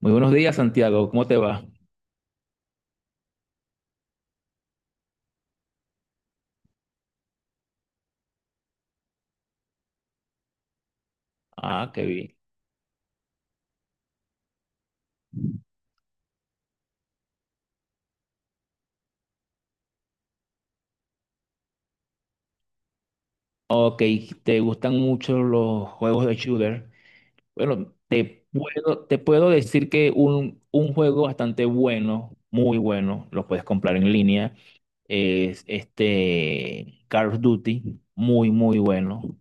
Muy buenos días, Santiago. ¿Cómo te va? Ah, qué bien. Ok, te gustan mucho los juegos de shooter. Bueno, te puedo decir que un juego bastante bueno, muy bueno, lo puedes comprar en línea, es este Call of Duty, muy, muy bueno.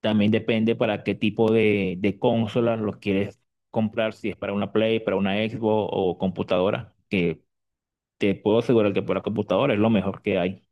También depende para qué tipo de consola lo quieres comprar, si es para una Play, para una Xbox o computadora, que te puedo asegurar que para computadora es lo mejor que hay.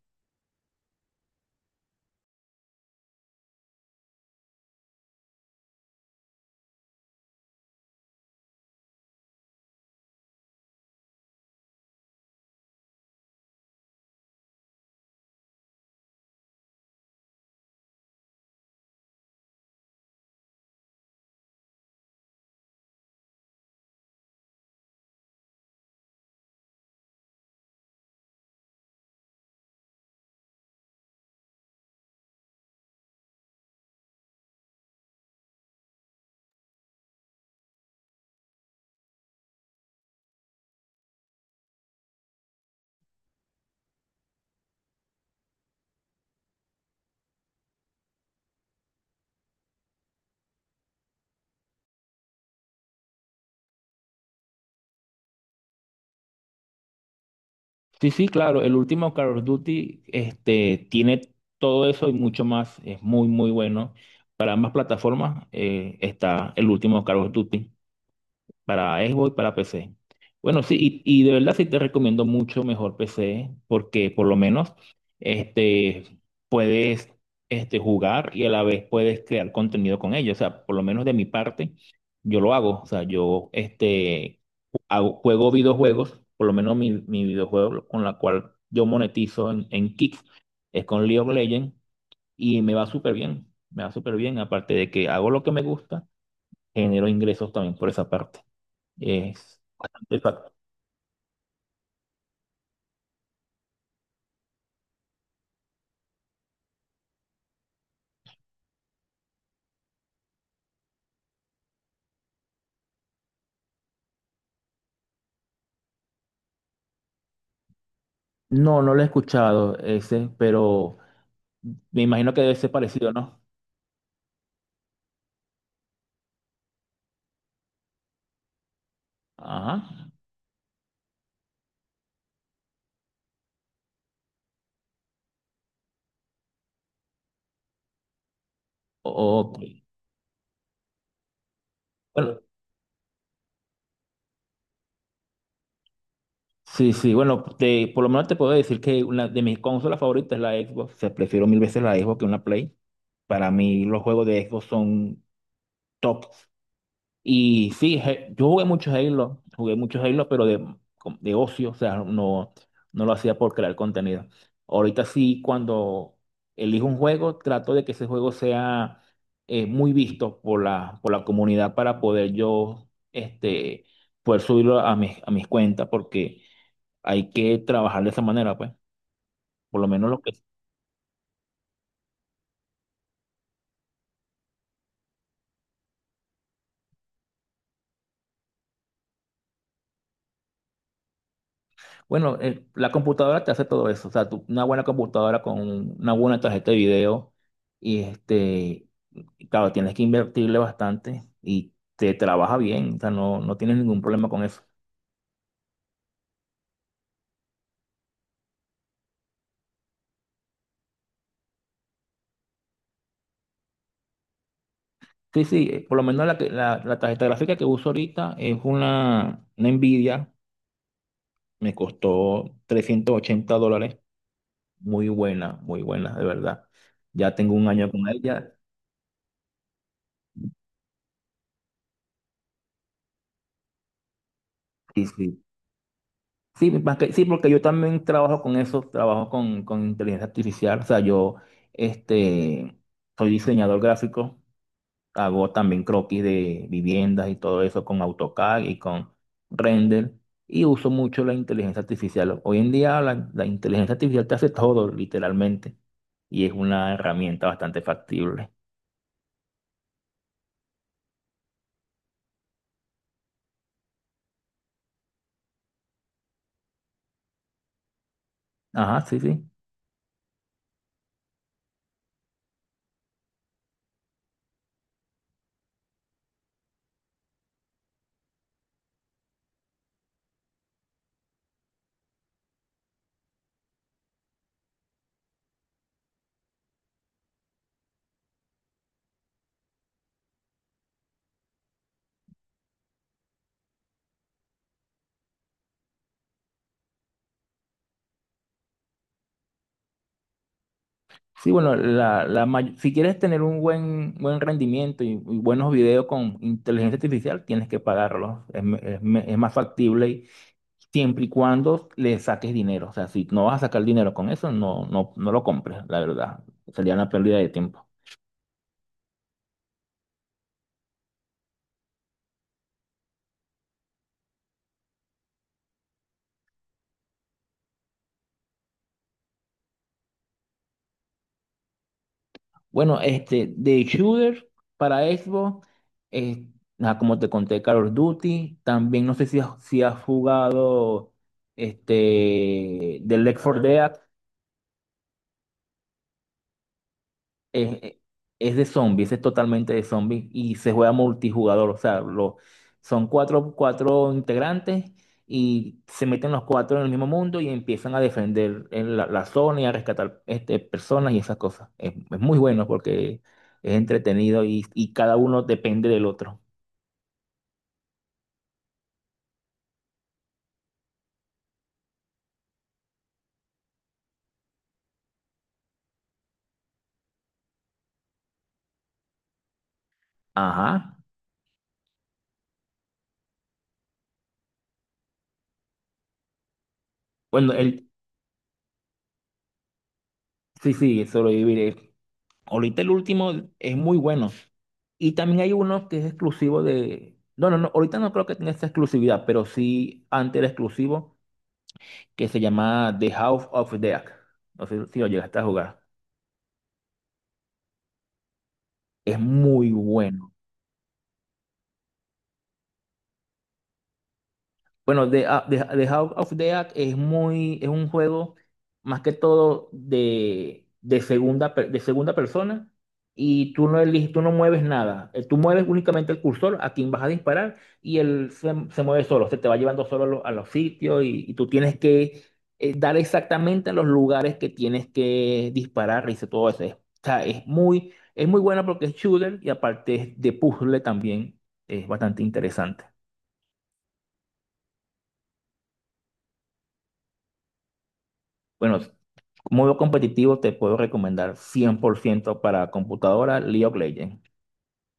Sí, sí, claro. El último Call of Duty este, tiene todo eso y mucho más. Es muy, muy bueno. Para ambas plataformas está el último Call of Duty para Xbox, para PC. Bueno, sí, y de verdad sí te recomiendo mucho mejor PC porque por lo menos este, puedes jugar y a la vez puedes crear contenido con ello. O sea, por lo menos de mi parte, yo lo hago. O sea, yo juego videojuegos, por lo menos mi videojuego con la cual yo monetizo en Kick es con League of Legends y me va súper bien. Me va súper bien, aparte de que hago lo que me gusta, genero ingresos también por esa parte. Es No, no lo he escuchado ese, pero me imagino que debe ser parecido, ¿no? Ajá. Ok. Bueno, sí, sí, bueno, por lo menos te puedo decir que una de mis consolas favoritas es la Xbox. O sea, prefiero mil veces la Xbox que una Play. Para mí los juegos de Xbox son top. Y sí, yo jugué mucho Halo, pero de ocio, o sea, no, no lo hacía por crear contenido. Ahorita sí, cuando elijo un juego, trato de que ese juego sea muy visto por la comunidad para poder yo poder subirlo a mis cuentas, porque hay que trabajar de esa manera, pues. Por lo menos lo que Bueno, la computadora te hace todo eso. O sea, una buena computadora con una buena tarjeta de video. Y claro, tienes que invertirle bastante y te trabaja bien. O sea, no, no tienes ningún problema con eso. Sí, sí, por lo menos la tarjeta gráfica que uso ahorita es una Nvidia. Me costó $380. Muy buena, de verdad. Ya tengo un año con ella. Sí, sí. Sí, sí, porque yo también trabajo con eso, trabajo con inteligencia artificial. O sea, yo este, soy diseñador gráfico, hago también croquis de viviendas y todo eso con AutoCAD y con Render y uso mucho la inteligencia artificial. Hoy en día la inteligencia artificial te hace todo, literalmente, y es una herramienta bastante factible. Ajá, sí, sí. Sí, bueno, si quieres tener un buen, buen rendimiento y buenos videos con inteligencia artificial, tienes que pagarlos. Es más factible siempre y cuando le saques dinero. O sea, si no vas a sacar dinero con eso, no, no, no lo compres, la verdad. Sería una pérdida de tiempo. Bueno, este, de shooter para Xbox, eh, nada, como te conté, Call of Duty. También no sé si has jugado este, The Left 4 Dead. Es, eh, de zombies, es totalmente de zombies y se juega multijugador. O sea, son cuatro integrantes y se meten los cuatro en el mismo mundo y empiezan a defender en la zona y a rescatar este, personas y esas cosas. Es muy bueno porque es entretenido y cada uno depende del otro. Ajá. Bueno, el, sí, sí, sobrevivir. Ahorita el último es muy bueno. Y también hay uno que es exclusivo de. No, no, no. Ahorita no creo que tenga esa exclusividad, pero sí antes era exclusivo, que se llama The House of Dead. No sé si lo llegaste a jugar. Es muy bueno. Bueno, The House of the Dead es muy, es un juego más que todo de segunda persona y tú no eliges, tú no mueves nada. Tú mueves únicamente el cursor a quien vas a disparar y él se mueve solo, se te va llevando solo a los sitios y tú tienes que dar exactamente a los lugares que tienes que disparar y todo eso. O sea, es muy buena porque es shooter y aparte es de puzzle también, es bastante interesante. Bueno, modo competitivo te puedo recomendar 100% para computadora League of Legends. O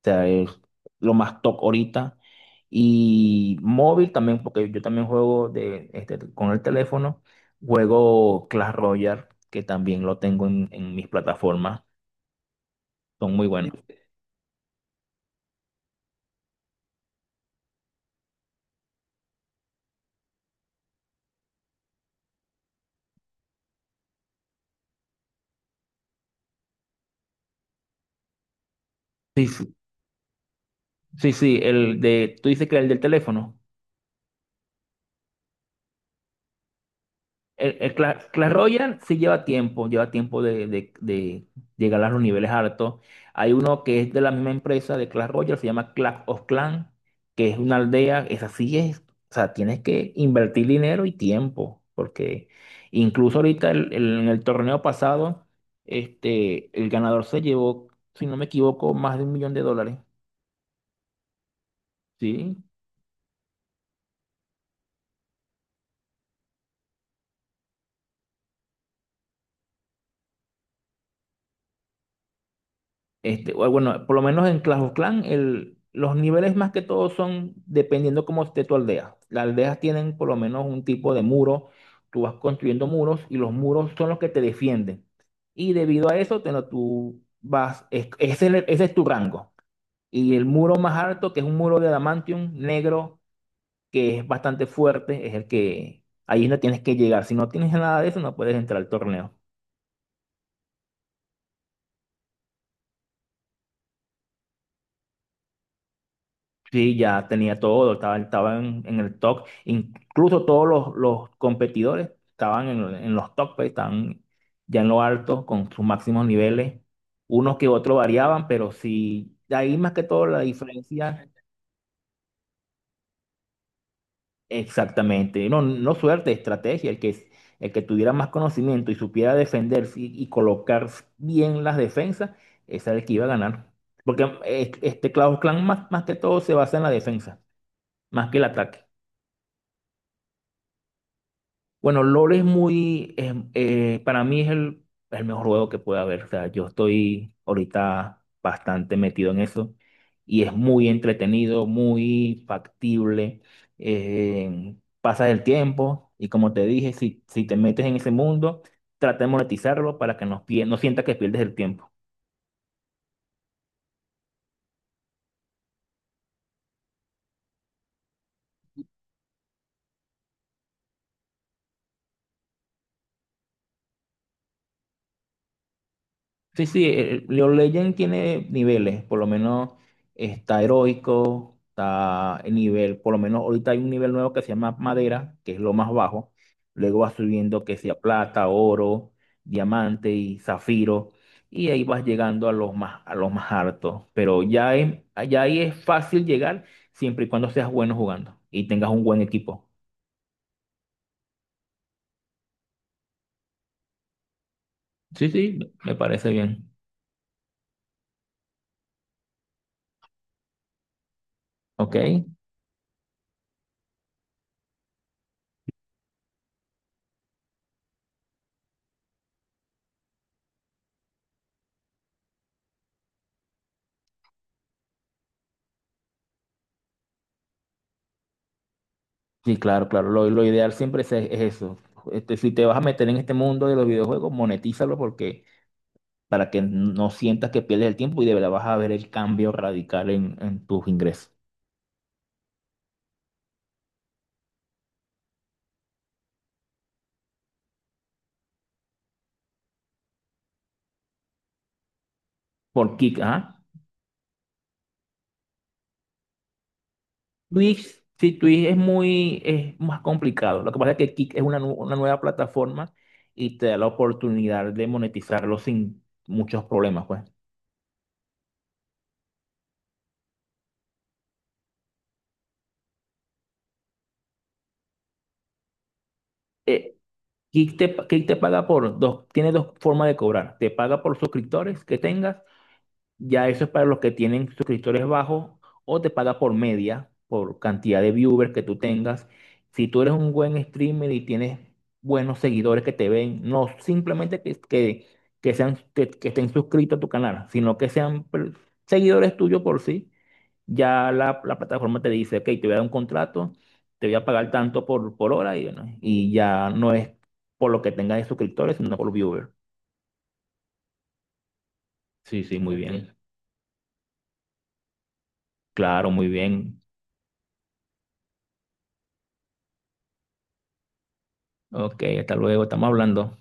sea, es lo más top ahorita. Y móvil también, porque yo también juego de, este, con el teléfono. Juego Clash Royale, que también lo tengo en mis plataformas. Son muy buenos. Sí, sí, sí, sí, el de, tú dices que el del teléfono. Clash Royale sí lleva tiempo de llegar a los niveles altos. Hay uno que es de la misma empresa de Clash Royale, se llama Clash of Clans, que es una aldea, esa sí es, o sea, tienes que invertir dinero y tiempo, porque incluso ahorita en el torneo pasado, este, el ganador se llevó, si no me equivoco, más de $1.000.000, ¿sí? Este, o bueno, por lo menos en Clash of Clans, el, los niveles más que todo son dependiendo cómo esté tu aldea. Las aldeas tienen por lo menos un tipo de muro. Tú vas construyendo muros y los muros son los que te defienden. Y debido a eso, tú vas, ese es tu rango. Y el muro más alto, que es un muro de adamantium negro, que es bastante fuerte, es el que ahí no tienes que llegar. Si no tienes nada de eso, no puedes entrar al torneo. Sí, ya tenía todo, estaba, estaba en el top. Incluso todos los competidores estaban en los top, pues, estaban ya en lo alto con sus máximos niveles. Unos que otros variaban, pero sí, ahí más que todo la diferencia, exactamente. No, no suerte, estrategia. El que tuviera más conocimiento y supiera defenderse y colocar bien las defensas, ese era el que iba a ganar. Porque este Clash of Clans más que todo se basa en la defensa, más que el ataque. Bueno, LOL es muy, para mí es el mejor juego que puede haber. O sea, yo estoy ahorita bastante metido en eso y es muy entretenido, muy factible. Pasas el tiempo y como te dije, si, si te metes en ese mundo, trata de monetizarlo para que no, no sientas que pierdes el tiempo. Sí, sí, League of Legends tiene niveles, por lo menos está heroico, está el nivel, por lo menos ahorita hay un nivel nuevo que se llama madera, que es lo más bajo, luego va subiendo que sea plata, oro, diamante y zafiro, y ahí vas llegando a los más altos, pero ya, ya ahí es fácil llegar siempre y cuando seas bueno jugando y tengas un buen equipo. Sí, sí, me parece bien. Ok. Sí, claro, claro. Lo ideal siempre es eso. Este, si te vas a meter en este mundo de los videojuegos, monetízalo porque para que no sientas que pierdes el tiempo y de verdad vas a ver el cambio radical en tus ingresos. Por Kick, ¿ah? Twitch, sí, Twitch es muy, es más complicado. Lo que pasa es que Kick es una nueva plataforma y te da la oportunidad de monetizarlo sin muchos problemas, pues. Eh, Kick te paga por dos, tiene dos formas de cobrar. Te paga por suscriptores que tengas. Ya eso es para los que tienen suscriptores bajos o te paga por media, por cantidad de viewers que tú tengas. Si tú eres un buen streamer y tienes buenos seguidores que te ven, no simplemente que estén suscritos a tu canal, sino que sean seguidores tuyos por sí, ya la plataforma te dice, ok, te voy a dar un contrato, te voy a pagar tanto por hora y, bueno, y ya no es por lo que tengas de suscriptores, sino por viewers. Sí, sí, muy Ok. bien. Claro, muy bien. Ok, hasta luego, estamos hablando.